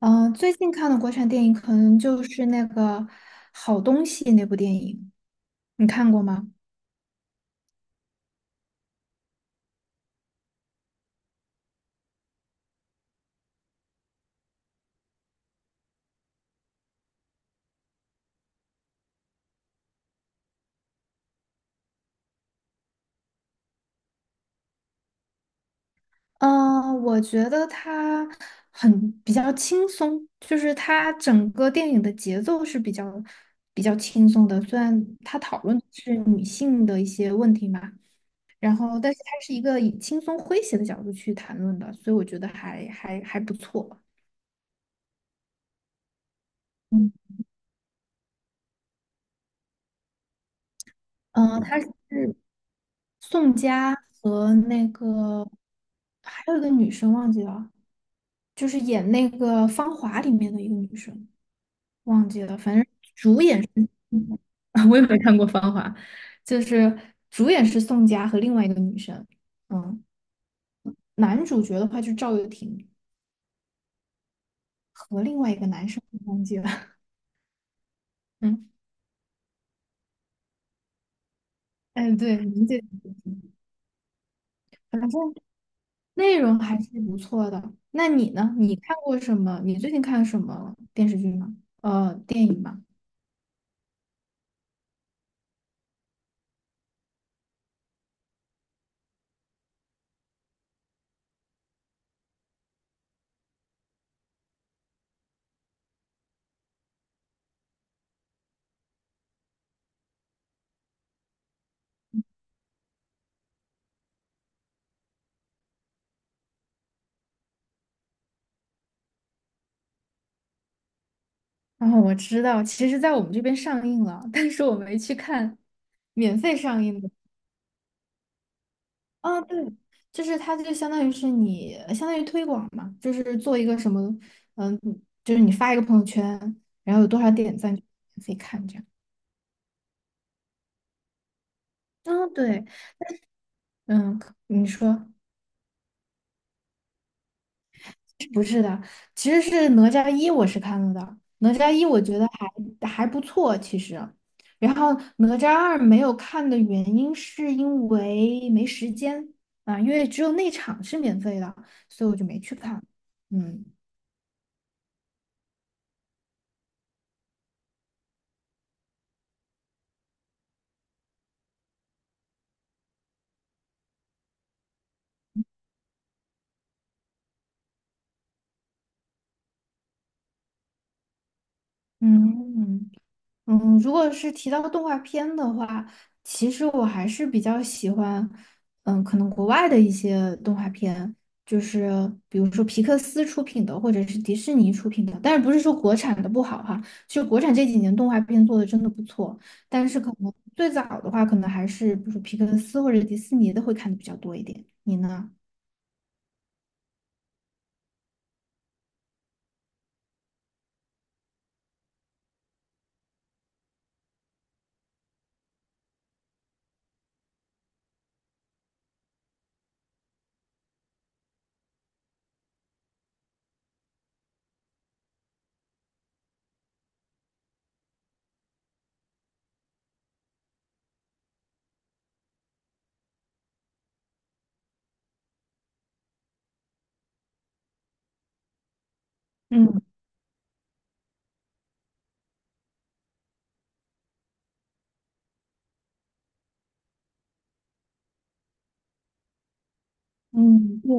最近看的国产电影可能就是那个《好东西》那部电影，你看过吗？我觉得它很比较轻松，就是它整个电影的节奏是比较轻松的。虽然它讨论的是女性的一些问题嘛，然后但是它是一个以轻松诙谐的角度去谈论的，所以我觉得还不错。嗯，嗯，它是宋佳和那个还有一个女生忘记了，就是演那个《芳华》里面的一个女生，忘记了，反正 我也没看过《芳华》，就是主演是宋佳和另外一个女生，嗯，男主角的话就是赵又廷和另外一个男生，我忘记了，嗯，哎，对，名字也忘记了，反正内容还是不错的。那你呢？你看过什么？你最近看什么电视剧吗？电影吗？哦，我知道，其实在我们这边上映了，但是我没去看，免费上映的。啊，对，就是它就相当于是你，相当于推广嘛，就是做一个什么，嗯，就是你发一个朋友圈，然后有多少点赞就免费看这样。啊，对，嗯，可你说。不是的，其实是哪吒一我是看了的，哪吒一我觉得还不错，其实。然后哪吒二没有看的原因是因为没时间啊，因为只有那场是免费的，所以我就没去看。嗯嗯。嗯，如果是提到动画片的话，其实我还是比较喜欢，嗯，可能国外的一些动画片，就是比如说皮克斯出品的，或者是迪士尼出品的。但是不是说国产的不好哈，就国产这几年动画片做的真的不错。但是可能最早的话，可能还是比如说皮克斯或者迪士尼的会看的比较多一点。你呢？嗯。嗯，对，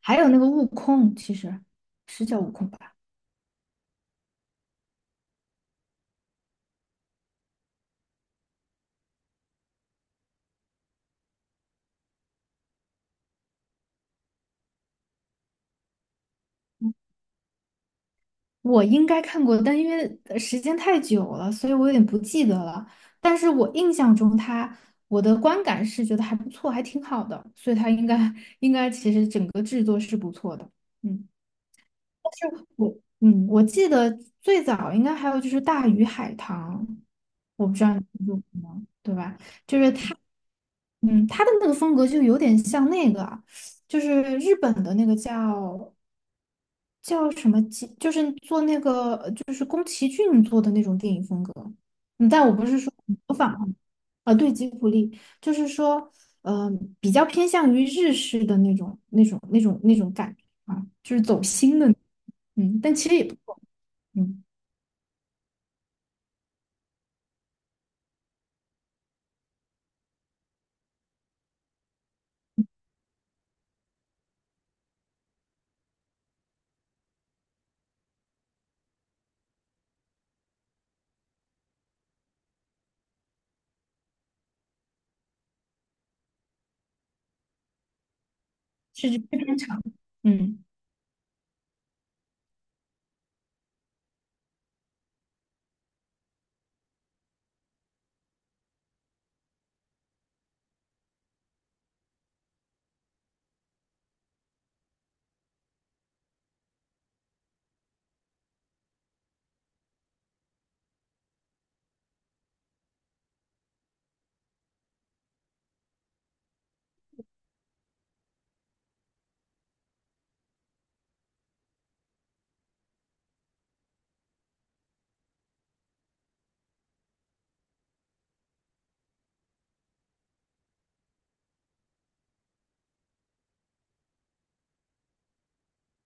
还有那个悟空，其实是叫悟空吧？我应该看过，但因为时间太久了，所以我有点不记得了。但是我印象中它，我的观感是觉得还不错，还挺好的，所以它应该其实整个制作是不错的。嗯，就我嗯，我记得最早应该还有就是《大鱼海棠》，我不知道你听说过吗？对吧？就是它，嗯，它的那个风格就有点像那个就是日本的那个叫叫什么吉？就是做那个就是宫崎骏做的那种电影风格。嗯，但我不是说模仿啊，呃对，吉卜力，就是说，嗯、比较偏向于日式的那种感觉啊，就是走心的，嗯，但其实也不错，嗯，是非常长，嗯。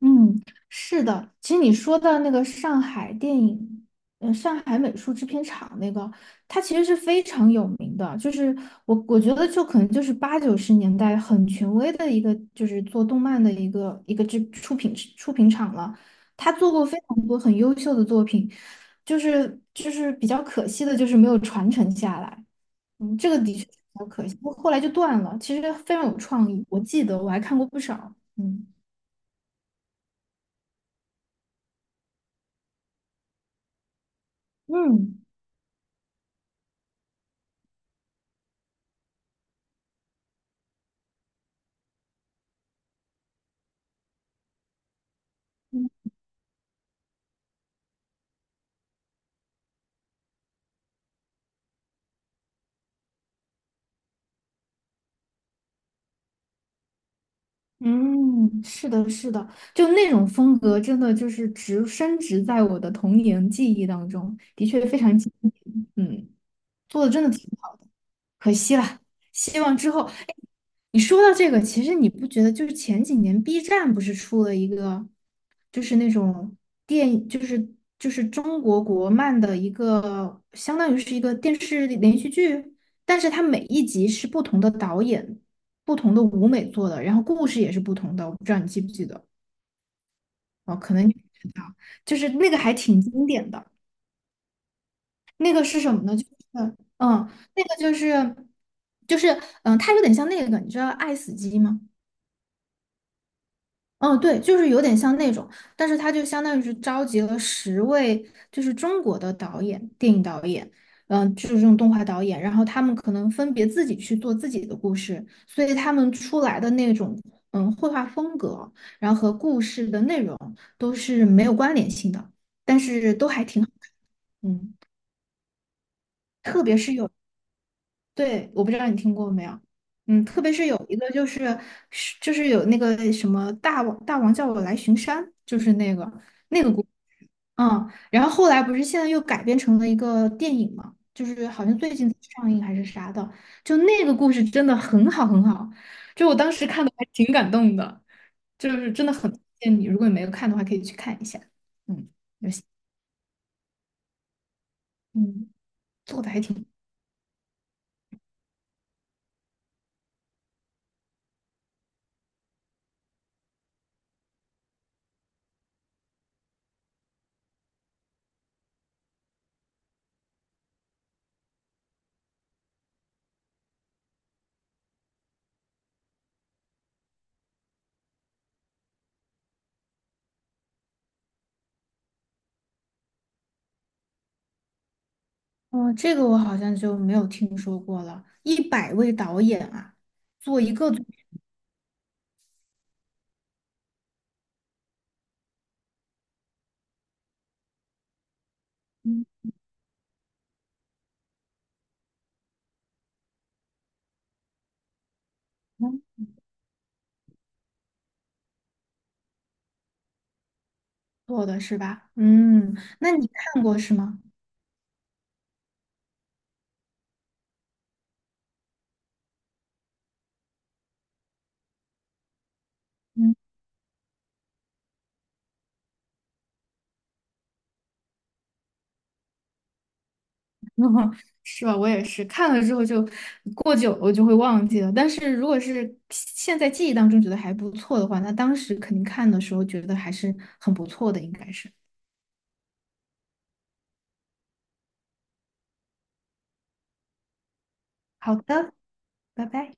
嗯，是的。其实你说到那个上海电影，呃，上海美术制片厂那个，它其实是非常有名的。就是我觉得，就可能就是八九十年代很权威的一个，就是做动漫的一个一个制出品厂了。他做过非常多很优秀的作品，就是比较可惜的，就是没有传承下来。嗯，这个的确是比较可惜。后来就断了，其实非常有创意，我记得我还看过不少。嗯嗯。嗯，是的，就那种风格，真的就是植深植在我的童年记忆当中，的确非常经典。嗯，做的真的挺好。的。可惜了。希望之后，哎，你说到这个，其实你不觉得就是前几年 B 站不是出了一个，就是那种就是中国国漫的一个，相当于是一个电视连续剧，但是它每一集是不同的导演、不同的舞美做的，然后故事也是不同的，我不知道你记不记得？哦，可能你不知道，就是那个还挺经典的。那个是什么呢？就是，嗯，那个就是，就是，它有点像那个，你知道爱死机吗？嗯，对，就是有点像那种，但是它就相当于是召集了十位，就是中国的导演，电影导演，嗯，就是这种动画导演，然后他们可能分别自己去做自己的故事，所以他们出来的那种，嗯，绘画风格，然后和故事的内容都是没有关联性的，但是都还挺好，嗯。对，我不知道你听过没有，嗯，特别是有一个就是有那个什么大王叫我来巡山，就是那个,然后后来不是现在又改编成了一个电影嘛，就是好像最近上映还是啥的，就那个故事真的很好，就我当时看的还挺感动的，就是真的很推荐你，如果你没有看的话，可以去看一下，嗯嗯，做的还挺。哦，这个我好像就没有听说过了。一百位导演啊，做一个作品，嗯做的是吧？嗯，那你看过是吗？嗯，是吧？我也是看了之后就过久了我就会忘记了。但是如果是现在记忆当中觉得还不错的话，那当时肯定看的时候觉得还是很不错的，应该是。好的，拜拜。